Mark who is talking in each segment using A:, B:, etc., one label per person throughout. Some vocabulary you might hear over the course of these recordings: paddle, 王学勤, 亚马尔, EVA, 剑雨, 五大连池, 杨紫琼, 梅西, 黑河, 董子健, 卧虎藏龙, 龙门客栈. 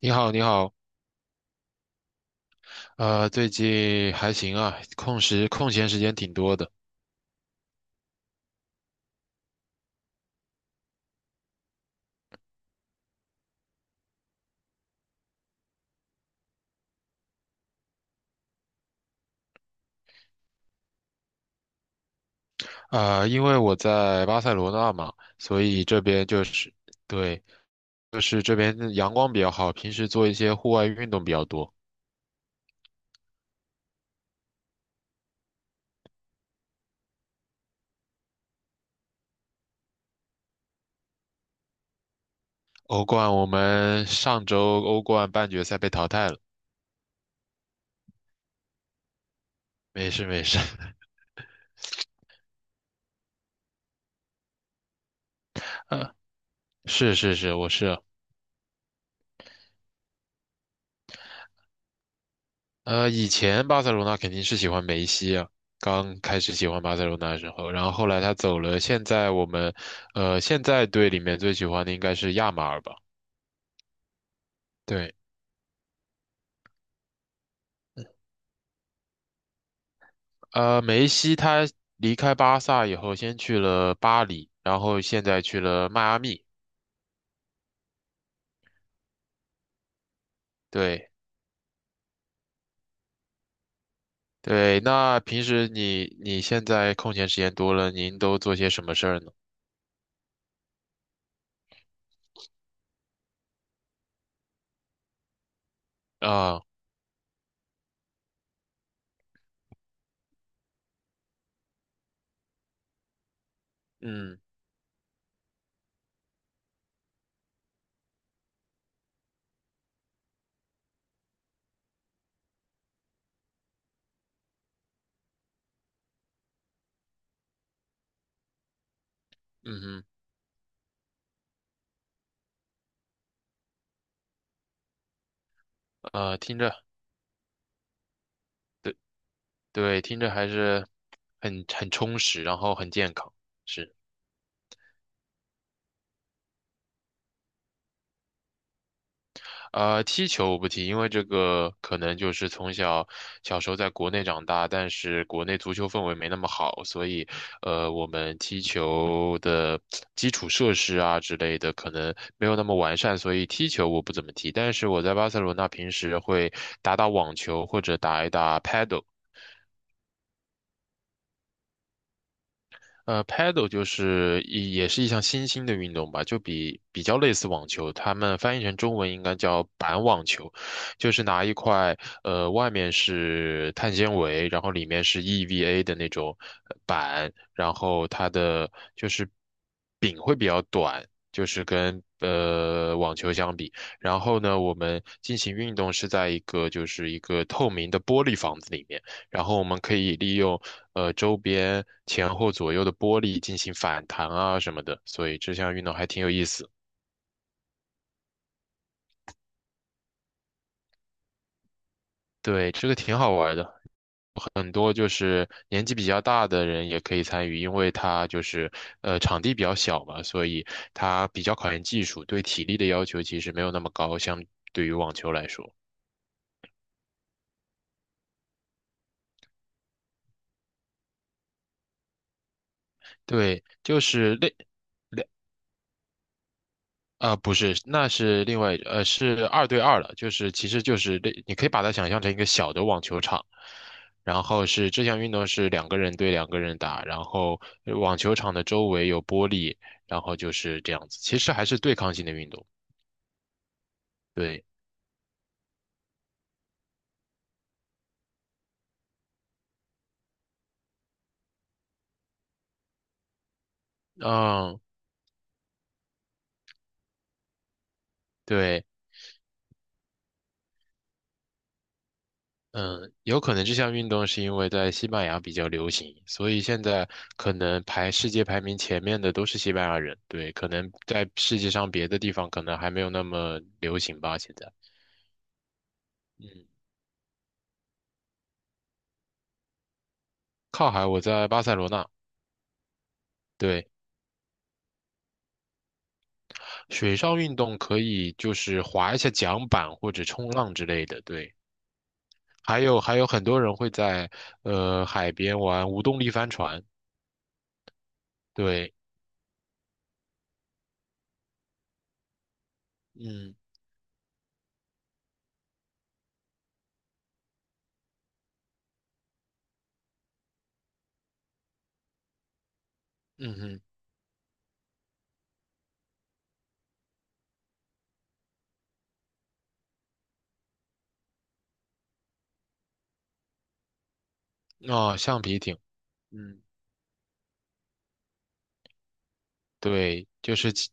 A: 你好，你好。最近还行啊，空闲时间挺多的。因为我在巴塞罗那嘛，所以这边就是，对，就是这边的阳光比较好，平时做一些户外运动比较多。欧冠我们上周欧冠半决赛被淘汰了。没事，没事。呃，是是是，我是啊。以前巴塞罗那肯定是喜欢梅西啊。刚开始喜欢巴塞罗那的时候，然后后来他走了，现在队里面最喜欢的应该是亚马尔吧？对。梅西他离开巴萨以后，先去了巴黎，然后现在去了迈阿密。对，对，那平时你现在空闲时间多了，您都做些什么事儿呢？啊，嗯嗯哼，啊，听着。对。对，听着还是很充实，然后很健康。是。踢球我不踢，因为这个可能就是小时候在国内长大，但是国内足球氛围没那么好，所以，我们踢球的基础设施啊之类的可能没有那么完善，所以踢球我不怎么踢。但是我在巴塞罗那平时会打打网球或者打一打 paddle。paddle 就是也是一项新兴的运动吧，就比较类似网球，他们翻译成中文应该叫板网球。就是拿一块外面是碳纤维，然后里面是 EVA 的那种板，然后它的就是柄会比较短，就是跟网球相比。然后呢，我们进行运动是在一个透明的玻璃房子里面。然后我们可以利用周边前后左右的玻璃进行反弹啊什么的，所以这项运动还挺有意思。对，这个挺好玩的，很多就是年纪比较大的人也可以参与，因为它就是场地比较小嘛，所以它比较考验技术，对体力的要求其实没有那么高，相对于网球来说。对，就是。啊，不是，那是另外，是二对二了，就是其实就是你可以把它想象成一个小的网球场，然后是这项运动是两个人对两个人打，然后网球场的周围有玻璃，然后就是这样子，其实还是对抗性的运动。对。嗯。对。嗯，有可能这项运动是因为在西班牙比较流行，所以现在可能世界排名前面的都是西班牙人。对，可能在世界上别的地方可能还没有那么流行吧，现在。嗯，靠海，我在巴塞罗那。对，水上运动可以就是划一下桨板或者冲浪之类的。对，还有很多人会在海边玩无动力帆船。对，嗯嗯嗯，哦，橡皮艇，嗯，对，就是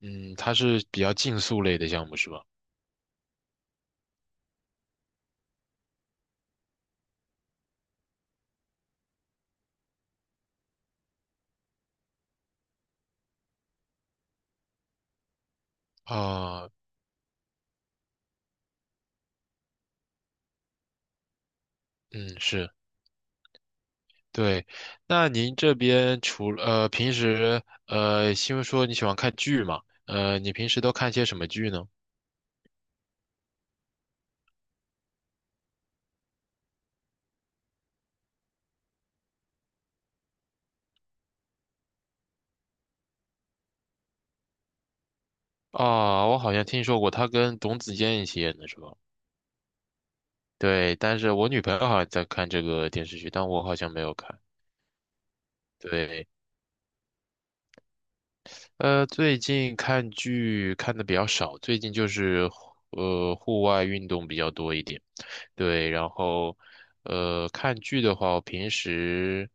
A: 嗯，它是比较竞速类的项目是吧？啊，嗯，是。对，那您这边除了平时因为说你喜欢看剧嘛，你平时都看些什么剧呢？啊，我好像听说过，他跟董子健一起演的是吧？对，但是我女朋友好像在看这个电视剧，但我好像没有看。对，最近看剧看的比较少，最近就是户外运动比较多一点。对，然后看剧的话，我平时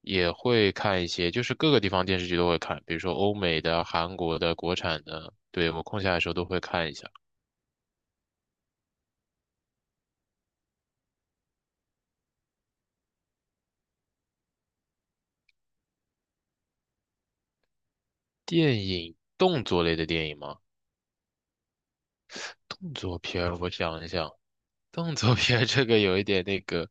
A: 也会看一些，就是各个地方电视剧都会看，比如说欧美的、韩国的、国产的，对，我空下来的时候都会看一下。电影，动作类的电影吗？动作片儿我想一想，动作片儿这个有一点那个。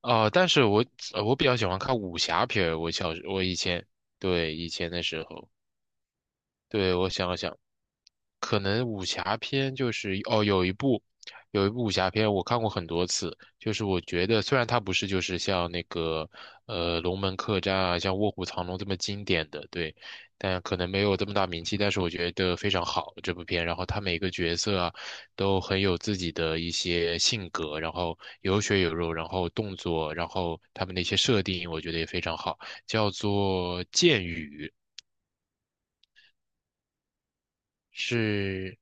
A: 哦、但是我比较喜欢看武侠片儿。我小时我以前，对，以前的时候。对，我想了想，可能武侠片就是哦，有一部武侠片我看过很多次，就是我觉得虽然它不是就是像那个《龙门客栈》啊，像《卧虎藏龙》这么经典的，对，但可能没有这么大名气，但是我觉得非常好这部片，然后它每个角色啊都很有自己的一些性格，然后有血有肉，然后动作，然后他们的一些设定，我觉得也非常好，叫做《剑雨》。是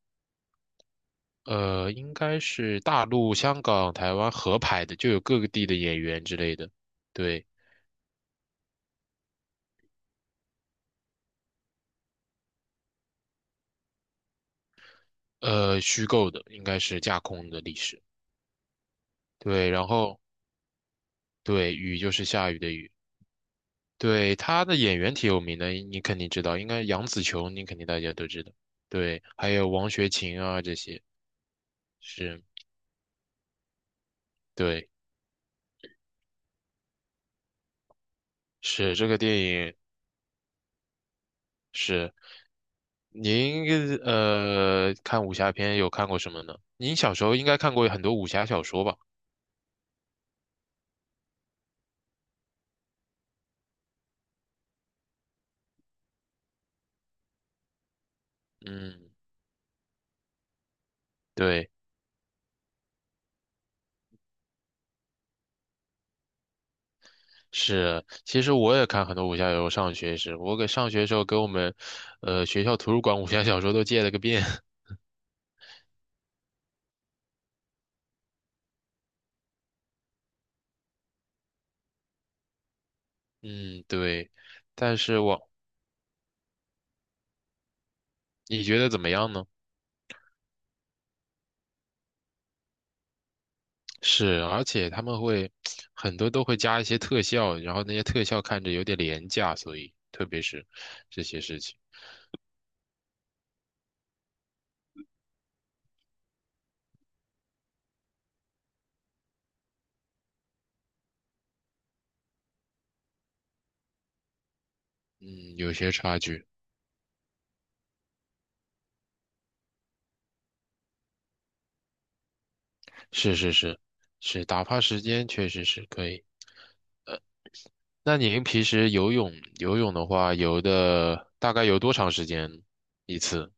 A: 呃，应该是大陆、香港、台湾合拍的，就有各个地的演员之类的。对，虚构的应该是架空的历史。对，然后对，雨就是下雨的雨。对，他的演员挺有名的，你肯定知道，应该杨紫琼，你肯定大家都知道。对，还有王学勤啊这些，是，对，是这个电影是。您看武侠片有看过什么呢？您小时候应该看过很多武侠小说吧？嗯。对。是，其实我也看很多武侠小说。上学时候给我们，学校图书馆武侠小说都借了个遍。嗯，对。但是我，你觉得怎么样呢？是，而且他们会很多都会加一些特效，然后那些特效看着有点廉价，所以特别是这些事情。嗯，有些差距。是是是是，打发时间确实是可以。那您平时游泳的话，大概游多长时间一次？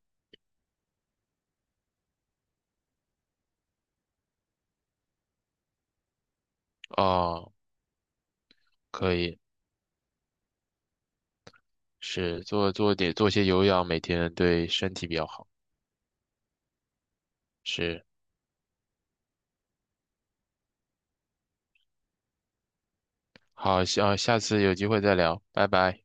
A: 哦，可以，是做些有氧，每天对身体比较好。是，好，下次有机会再聊，拜拜。